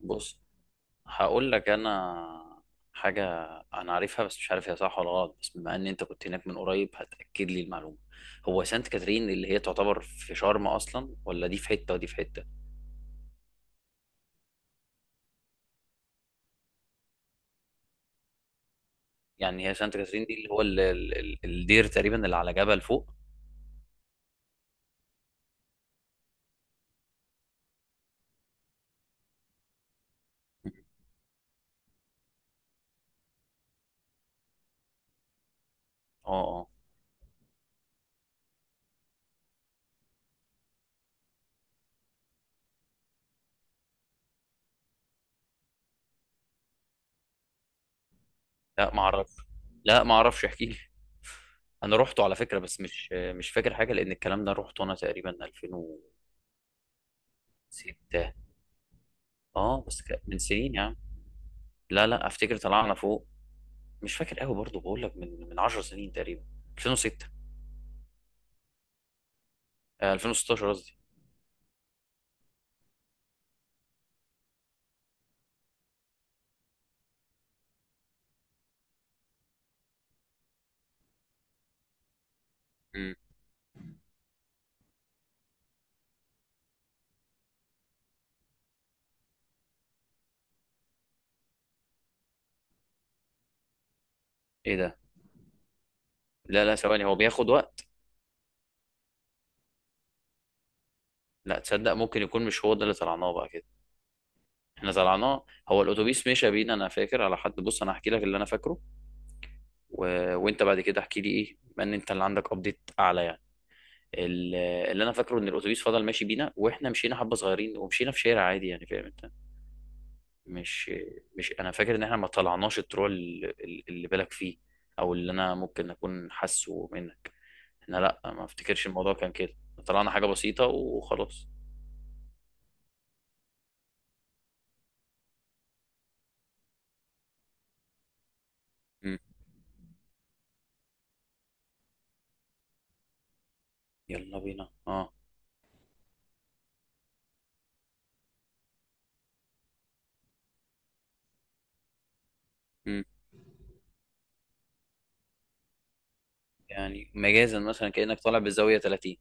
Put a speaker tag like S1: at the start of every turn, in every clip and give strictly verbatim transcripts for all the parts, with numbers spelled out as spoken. S1: بص، هقول لك انا حاجه انا عارفها بس مش عارف هي صح ولا غلط، بس بما ان انت كنت هناك من قريب هتاكد لي المعلومه. هو سانت كاترين اللي هي تعتبر في شرم اصلا ولا دي في حته ودي في حته؟ يعني هي سانت كاترين دي اللي هو ال- ال- ال- الدير تقريبا اللي على جبل فوق؟ اه اه. لا ما اعرف، لا ما اعرفش احكي لي. انا روحته على فكره بس مش مش فاكر حاجه لان الكلام ده روحته انا تقريبا ألفين وستة. اه بس ك- من سنين يا عم. لا لا افتكر طلعنا فوق، مش فاكر قوي برضه بقول لك من من 10 سنين تقريبا. ألفين وستة. آه ألفين وستاشر قصدي. مم. ايه ده؟ لا لا ثواني هو بياخد وقت. لا تصدق ممكن يكون مش هو ده اللي طلعناه بقى كده. احنا طلعناه، هو الاتوبيس مشى بينا انا فاكر على حد، بص انا هحكي لك اللي انا فاكره. و... وانت بعد كده احكي لي ايه بما ان انت اللي عندك ابديت اعلى يعني. ال- اللي انا فاكره ان الاتوبيس فضل ماشي بينا واحنا مشينا حبه صغيرين ومشينا في شارع عادي يعني فاهم انت؟ مش مش انا فاكر ان احنا ما طلعناش الطرق اللي اللي بالك فيه او اللي انا ممكن اكون حاسه منها. احنا لا ما افتكرش الموضوع كان كده، طلعنا حاجة بسيطة وخلاص. مم. يلا بينا اه. مم. يعني مجازا مثلا كأنك طالع بالزاوية تلاتين.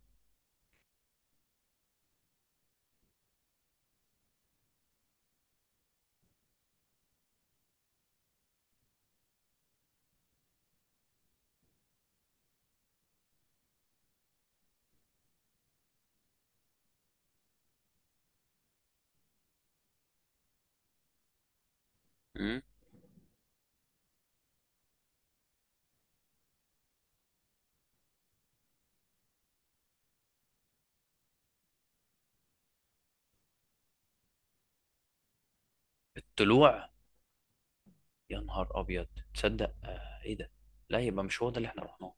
S1: مم. الطلوع. يا نهار ابيض، تصدق آه ايه ده؟ لا يبقى مش هو ده اللي احنا رحناه.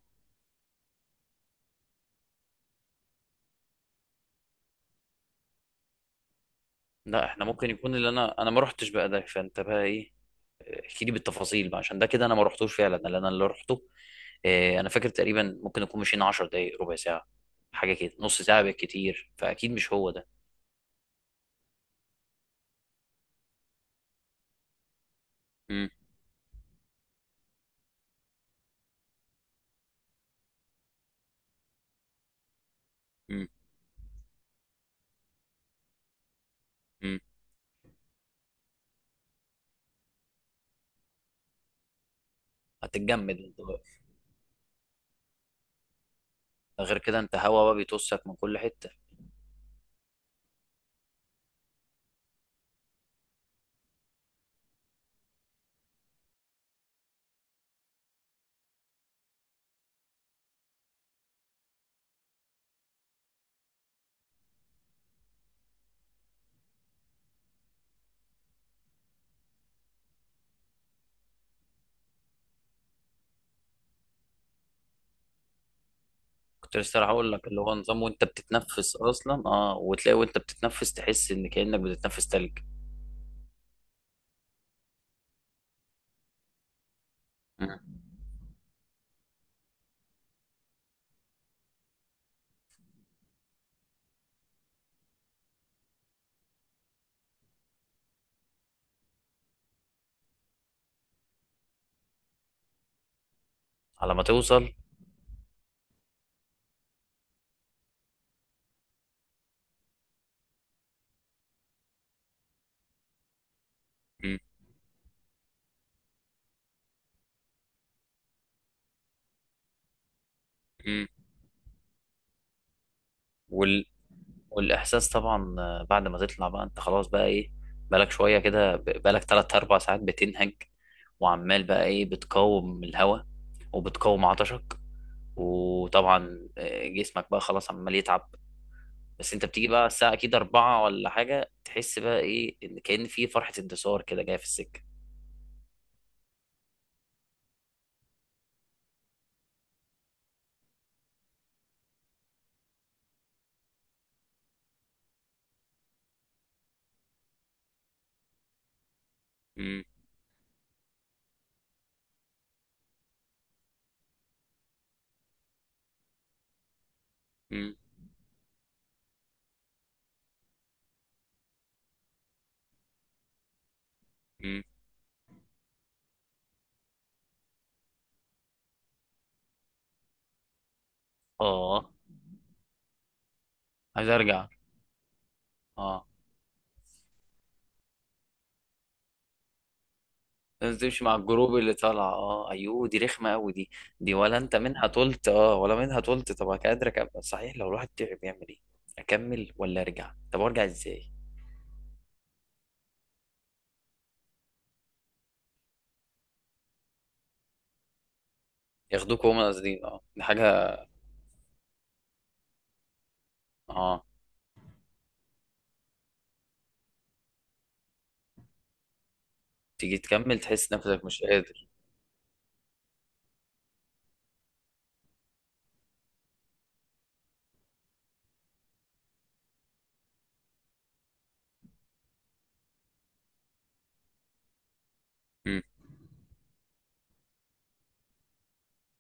S1: لا احنا ممكن يكون اللي انا انا ما رحتش بقى ده، فانت بقى ايه احكي لي بالتفاصيل بقى عشان ده كده، انا ما رحتوش فعلا لان انا اللي رحته. آه انا فاكر تقريبا ممكن نكون مشينا 10 دقايق، ربع ساعة، حاجة كده نص ساعة بالكتير، فاكيد مش هو ده. مم. مم. مم. هتتجمد انت. غير كده انت هوا بقى بيتوسك من كل حته. كنت لسه راح اقول لك اللي هو نظام وانت بتتنفس اصلا، اه وتلاقي وانت بتتنفس تحس ان كانك بتتنفس تلج. مم. على ما توصل. مم. مم. وال... والاحساس طبعا، آه، بعد ما تطلع بقى انت خلاص بقى ايه، بقالك شويه كده ب- بقالك تلات اربعة ساعات بتنهج، وعمال بقى ايه بتقاوم الهواء، وبتقاوم عطشك، وطبعا آه، جسمك بقى خلاص عمال يتعب. بس انت بتيجي بقى الساعة اكيد اربعة ولا حاجة، تحس بقى ايه ان كأن في فرحة انتصار كده جاية في السكة. مم. مم. مم. اه عايز ارجع. اه لازم تمشي مع الجروب اللي طالعة، اه ايوه دي رخمة قوي دي. دي ولا انت منها طولت؟ اه ولا منها طولت. طب قادر اكمل صحيح، لو الواحد تعب يعمل ايه؟ اكمل ولا ارجع؟ طب ارجع ازاي؟ ياخدوك هما قاصدين؟ اه دي حاجة. اه تيجي تكمل تحس نفسك مش قادر. مم.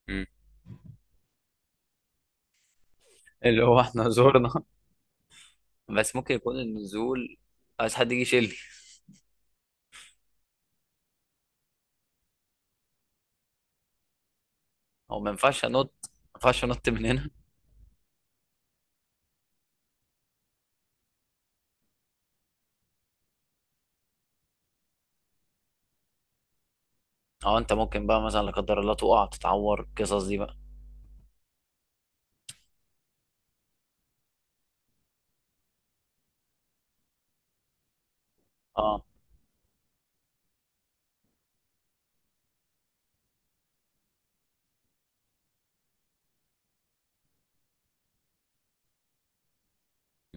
S1: مم. اللي هو احنا زورنا. بس ممكن يكون النزول عايز حد يجي يشيل، او ما ينفعش انط، ما ينفعش انط من هنا. اه. انت ممكن بقى مثلا لا قدر الله تقع تتعور القصص دي بقى. اه.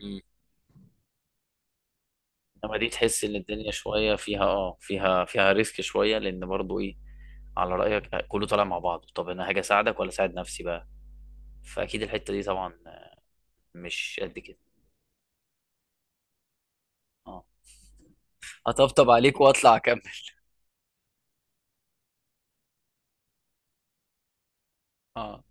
S1: مم. انما دي تحس ان الدنيا شويه فيها اه فيها فيها ريسك شويه، لان برضو ايه على رايك كله طالع مع بعض، طب انا هاجي اساعدك ولا اساعد نفسي بقى، فاكيد الحته دي طبعا مش قد كده. اه هطبطب عليك واطلع اكمل. اه.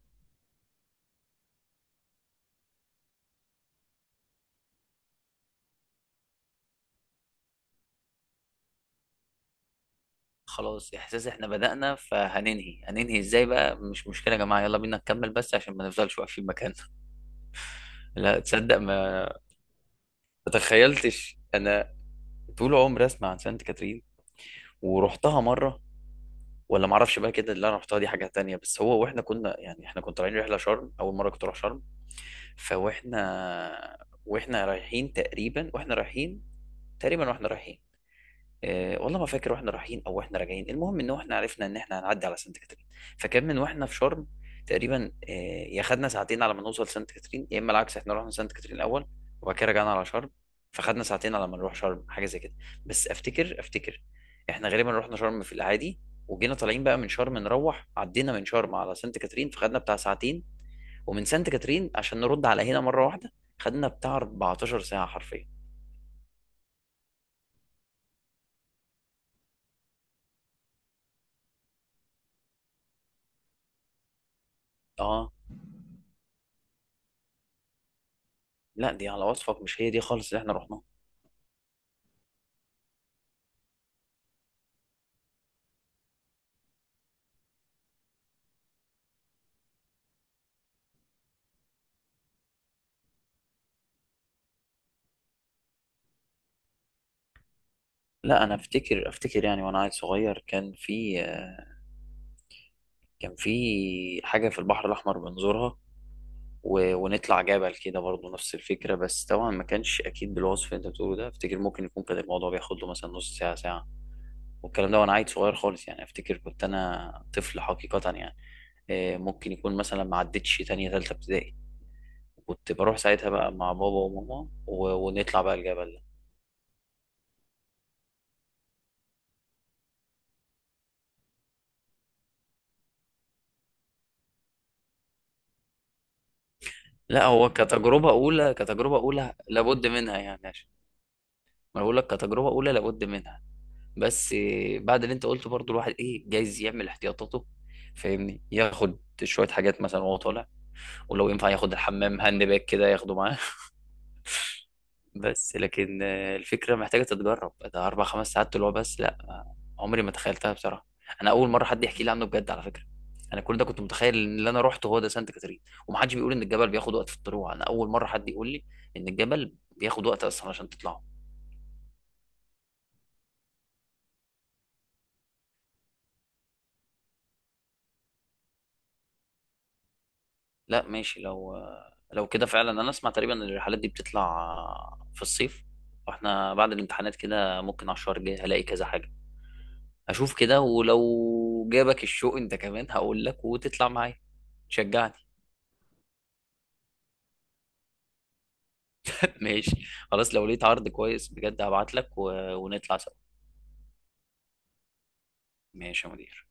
S1: خلاص احساس احنا بدأنا فهننهي، هننهي ازاي بقى، مش مشكله يا جماعه يلا بينا نكمل بس عشان ما نفضلش واقفين مكاننا. لا تصدق، ما ما تخيلتش انا، طول عمري اسمع عن سانت كاترين ورحتها مره ولا معرفش بقى كده اللي انا رحتها دي حاجه تانية، بس هو واحنا كنا يعني احنا كنا طالعين رحله شرم، اول مره كنت اروح شرم. فواحنا واحنا رايحين تقريبا واحنا رايحين تقريبا واحنا رايحين، آه والله ما فاكر واحنا رايحين او واحنا راجعين، المهم ان احنا عرفنا ان احنا هنعدي على سانت كاترين. فكان من واحنا في شرم تقريبا آه، يا خدنا ساعتين على ما نوصل سانت كاترين، يا اما العكس احنا رحنا سانت كاترين الاول وبعد كده رجعنا على شرم، فخدنا ساعتين على ما نروح شرم حاجه زي كده. بس افتكر افتكر احنا غالبا رحنا شرم في الاعادي، وجينا طالعين بقى من شرم نروح، عدينا من شرم على سانت كاترين فخدنا بتاع ساعتين، ومن سانت كاترين عشان نرد على هنا مره واحده خدنا بتاع 14 ساعه حرفيا. اه. لا دي على وصفك مش هي دي خالص اللي احنا رحناها. لا انا افتكر افتكر يعني وانا عيل صغير، كان في كان في حاجه في البحر الاحمر بنزورها، و... ونطلع جبل كده برضه نفس الفكره، بس طبعا ما كانش اكيد بالوصف اللي انت بتقوله ده، افتكر ممكن يكون كان الموضوع بياخد له مثلا نص ساعه ساعه، والكلام ده وانا عيل صغير خالص يعني افتكر كنت انا طفل حقيقه يعني. آه، ممكن يكون مثلا ما عدتش تانية تالتة ابتدائي، كنت بروح ساعتها بقى مع بابا وماما، و... ونطلع بقى الجبل ده. لا هو كتجربه اولى، كتجربه اولى لابد منها يعني. ما بقول لك كتجربه اولى لابد منها، بس بعد اللي انت قلته برضو الواحد ايه جايز يعمل احتياطاته، فاهمني، ياخد شويه حاجات مثلا وهو طالع. ولو ينفع ياخد الحمام هاند باك كده ياخده معاه. بس لكن آه، الفكره محتاجه تتجرب، ده اربع خمس ساعات طلوع؟ بس لا، آه، عمري ما تخيلتها بصراحه، انا اول مره حد يحكي لي عنه بجد على فكره. انا كل ده كنت متخيل ان اللي انا روحته هو ده سانت كاترين، ومحدش بيقول ان الجبل بياخد وقت في الطلوع، انا اول مره حد يقول لي ان الجبل بياخد وقت اصلا عشان تطلع. لا ماشي، لو لو كده فعلا انا اسمع تقريبا إن الرحلات دي بتطلع في الصيف، واحنا بعد الامتحانات كده ممكن على الشهر الجاي هلاقي كذا حاجة، اشوف كده ولو جابك الشوق انت كمان هقول لك وتطلع معايا تشجعني. ماشي، خلاص لو لقيت عرض كويس بجد هبعت لك و... ونطلع سوا. ماشي يا مدير.